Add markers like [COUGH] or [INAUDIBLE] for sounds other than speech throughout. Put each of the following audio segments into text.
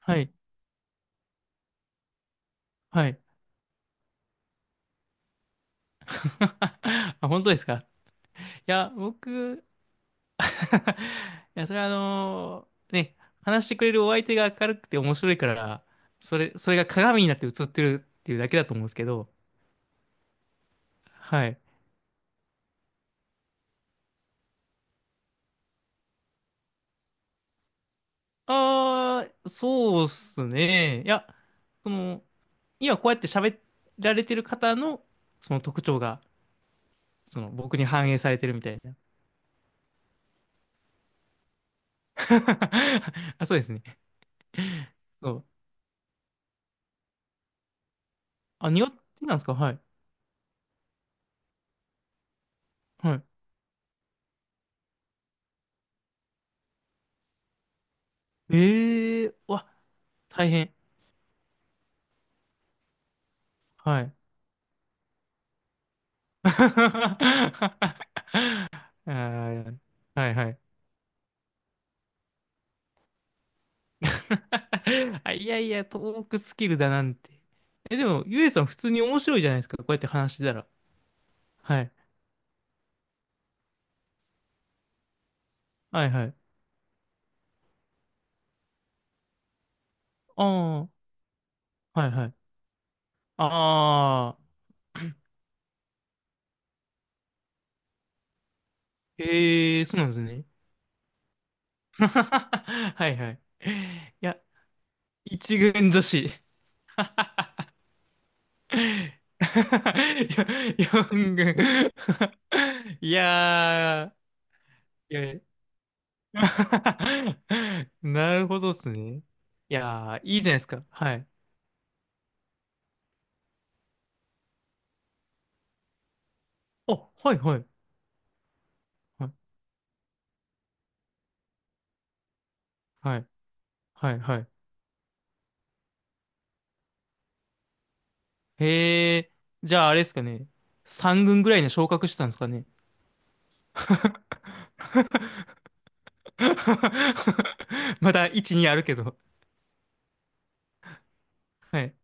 はい、はい。[LAUGHS] あ、本当ですか？いや、僕 [LAUGHS] いや、それはね、話してくれるお相手が明るくて面白いから、それが鏡になって映ってるっていうだけだと思うんですけど、はい。ああ、そうっすね。いや、その、今こうやって喋られてる方の、その特徴が、その、僕に反映されてるみたいな。[LAUGHS] あ、そうですね。そう。あ、庭ってなんですか？はい。はい。ええー、うわ、大変。はい。[LAUGHS] あーはいはい。[LAUGHS] あ、いやいや、トークスキルだなんて。え、でも、ゆえさん普通に面白いじゃないですか。こうやって話してたら。はい。はいはい。ああ、はいはい。ああ、ええー、そうなんですね。[LAUGHS] はいはい。いや、一軍女子。[LAUGHS] いや、四軍。[LAUGHS] いやー、いや、[LAUGHS] なるほどっすね。いやー、いいじゃないですか。はい。あ、はいはい。はい、はい、はい。はい。へえ、じゃああれですかね。3軍ぐらいに昇格してたんですかね。[LAUGHS] まだ1、2あるけど。はい。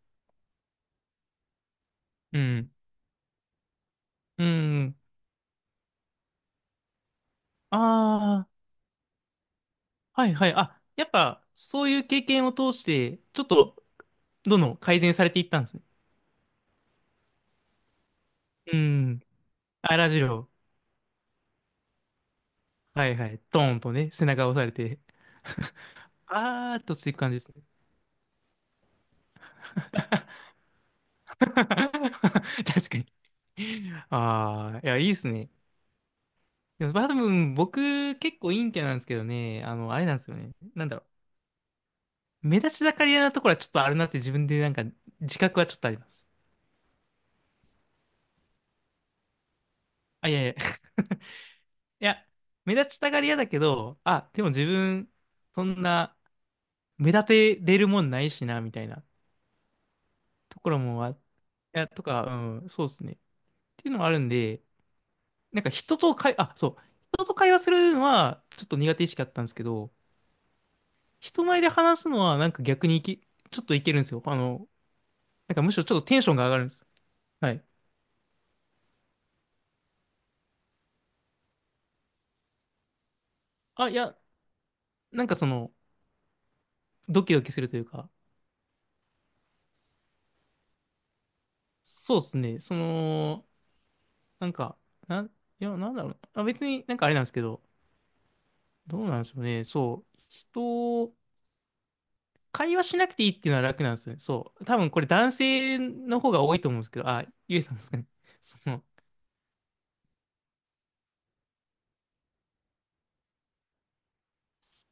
うん。うん。ああ、はいはい。あ、やっぱ、そういう経験を通して、ちょっと、どんどん改善されていったんですね。うん。あらじろう。はいはい。ドーンとね、背中を押されて。あーっとついく感じですね。[LAUGHS] 確かに。ああ、いや、いいですね。でも、まあ、多分、僕、結構陰キャなんですけどね、あの、あれなんですよね。なんだろう。目立ちたがり屋なところはちょっとあるなって自分でなんか、自覚はちょっとあります。あ、いやいや。[LAUGHS] いや、目立ちたがり屋だけど、あ、でも自分、そんな、目立てれるもんないしな、みたいなところもあ、いや、とか、うん、そうですね。っていうのもあるんで、なんか人と会、あ、そう、人と会話するのはちょっと苦手意識あったんですけど、人前で話すのはなんか逆にいき、ちょっといけるんですよ。あの、なんかむしろちょっとテンションが上がるんです。はい。あ、いや、なんかその、ドキドキするというか、そうですね、その、なんか、なん、いや、なんだろうな。あ、別になんかあれなんですけど、どうなんでしょうね。そう、人、会話しなくていいっていうのは楽なんですよね。そう。多分これ男性の方が多いと思うんですけど、あ、ゆえさんですかね。その、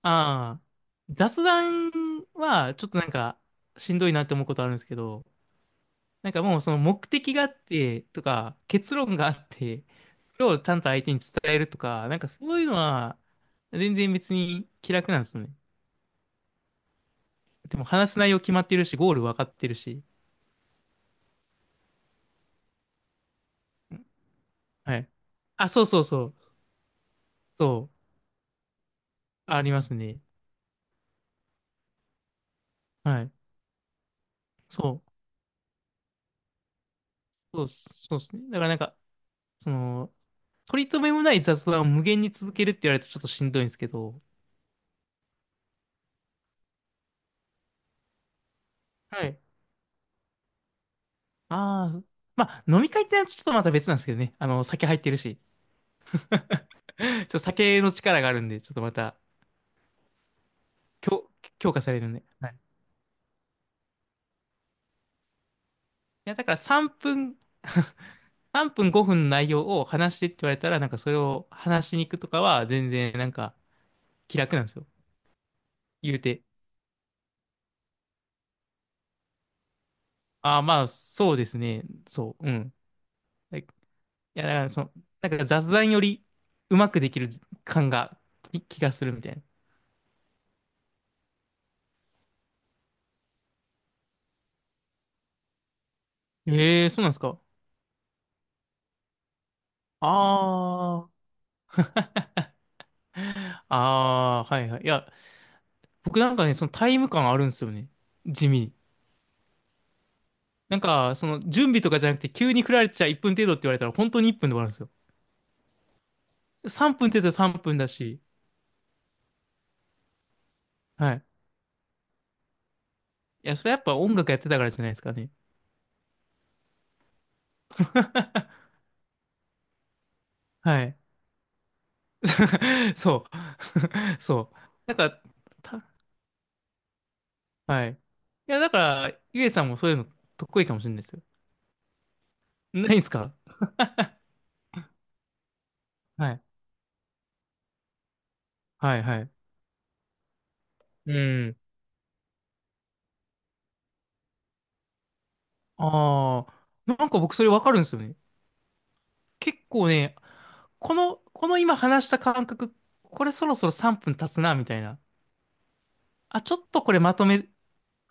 ああ、雑談はちょっとなんかしんどいなって思うことあるんですけど、なんかもうその目的があってとか結論があって、それをちゃんと相手に伝えるとか、なんかそういうのは全然別に気楽なんですよね。でも話す内容決まってるし、ゴール分かってるし。はい。あ、そう。そう。ありますね。はい。そう。そうですね。だからなんか、その、取り留めもない雑談を無限に続けるって言われるとちょっとしんどいんですけど、はい。ああ、まあ、飲み会ってのはちょっとまた別なんですけどね。あの、酒入ってるし。ちょっと酒の力があるんで、ちょっとまた、強、強化されるんで。はい。いや、だから3分、[LAUGHS] 3分5分の内容を話してって言われたら、なんかそれを話しに行くとかは、全然なんか気楽なんですよ。言うて。ああ、まあ、そうですね。そう、うん。い、いや、だからその、なんか雑談よりうまくできる感が、き気がするみたいな。ええー、そうなんですか？ああ。ああ、はいはい。いや、僕なんかね、そのタイム感あるんですよね。地味に。なんか、その準備とかじゃなくて、急に振られちゃ1分程度って言われたら、本当に1分で終わるんですよ。3分って言ったら3分だし。はい。いや、それやっぱ音楽やってたからじゃないですかね。はい。[LAUGHS] そう。[LAUGHS] そう。なんか、た、はい。いや、だから、ゆえさんもそういうの得意かもしれないですよ。ないですか？はい。はい、はい。うん。ああ、なんか僕それわかるんですよね。結構ね、この今話した感覚、これそろそろ3分経つな、みたいな。あ、ちょっとこれまとめ、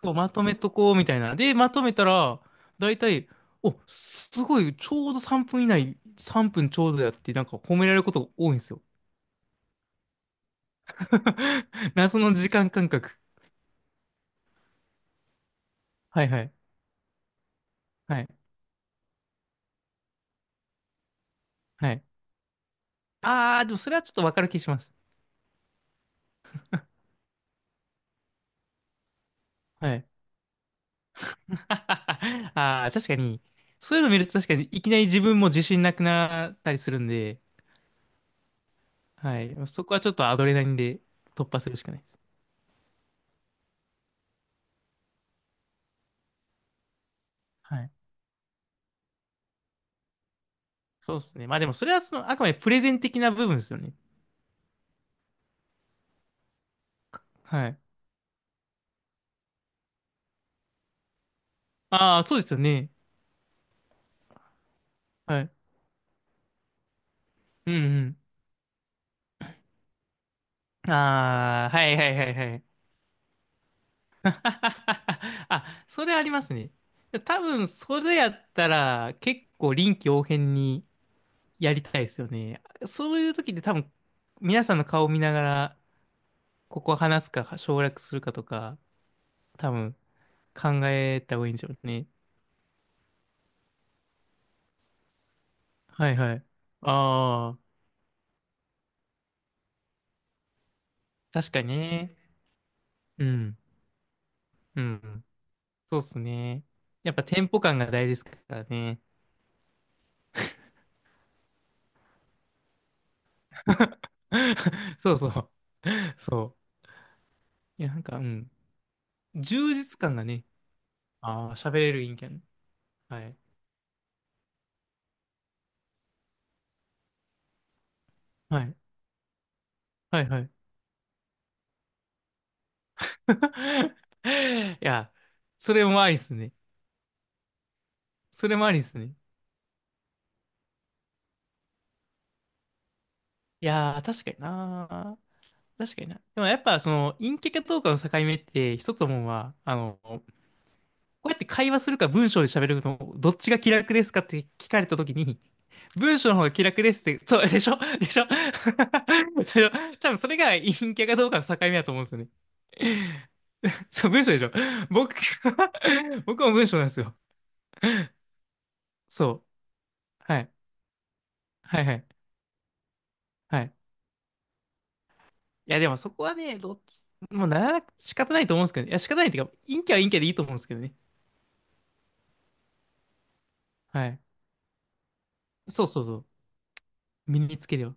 まとめとこう、みたいな。で、まとめたら、だいたい、お、すごい、ちょうど3分以内、3分ちょうどやって、なんか褒められることが多いんですよ。[LAUGHS] 謎の時間感覚。はいはい。はい。はい。あー、でもそれはちょっとわかる気します。はい。[LAUGHS] あー、確かに、そういうの見ると確かに、いきなり自分も自信なくなったりするんで、はい。そこはちょっとアドレナリンで突破するしかないです。はい。そうですね。まあでもそれはその、あくまでプレゼン的な部分ですよね。はい。ああ、そうですよね。はい。うんうん。ああ、はいはいはいはい。[LAUGHS] あ、それありますね。多分、それやったら結構臨機応変にやりたいですよね。そういう時で多分、皆さんの顔を見ながら、ここ話すか省略するかとか、多分考えた方がいいんでしょうね。はいはい。ああ、確かにね。うん。うん。そうっすね。やっぱテンポ感が大事ですからね。[LAUGHS] そう。そう。いや、なんか、うん。充実感がね。ああ、喋れる陰キャン。はい。はい。はいはい。[LAUGHS] いや、それもありっすね。それもありっすね。いやー、確かになー。確かにな。でもやっぱ、その、陰キャかどうかの境目って、一つ思うのは、あの、こうやって会話するか文章で喋るの、どっちが気楽ですかって聞かれたときに、文章の方が気楽ですって、そう、でしょ？ [LAUGHS] でしょ？ [LAUGHS] それ多分それが陰キャかどうかの境目だと思うんですよね。[LAUGHS] そう、文章でしょ？僕、[LAUGHS] 僕も文章なんですよ。そう。はい。はいはい。はい。いや、でもそこはね、どっち、もうなら、仕方ないと思うんですけどね。いや、仕方ないっていうか、陰キャは陰キャでいいと思うんですけどね。はい。そう。身につければ。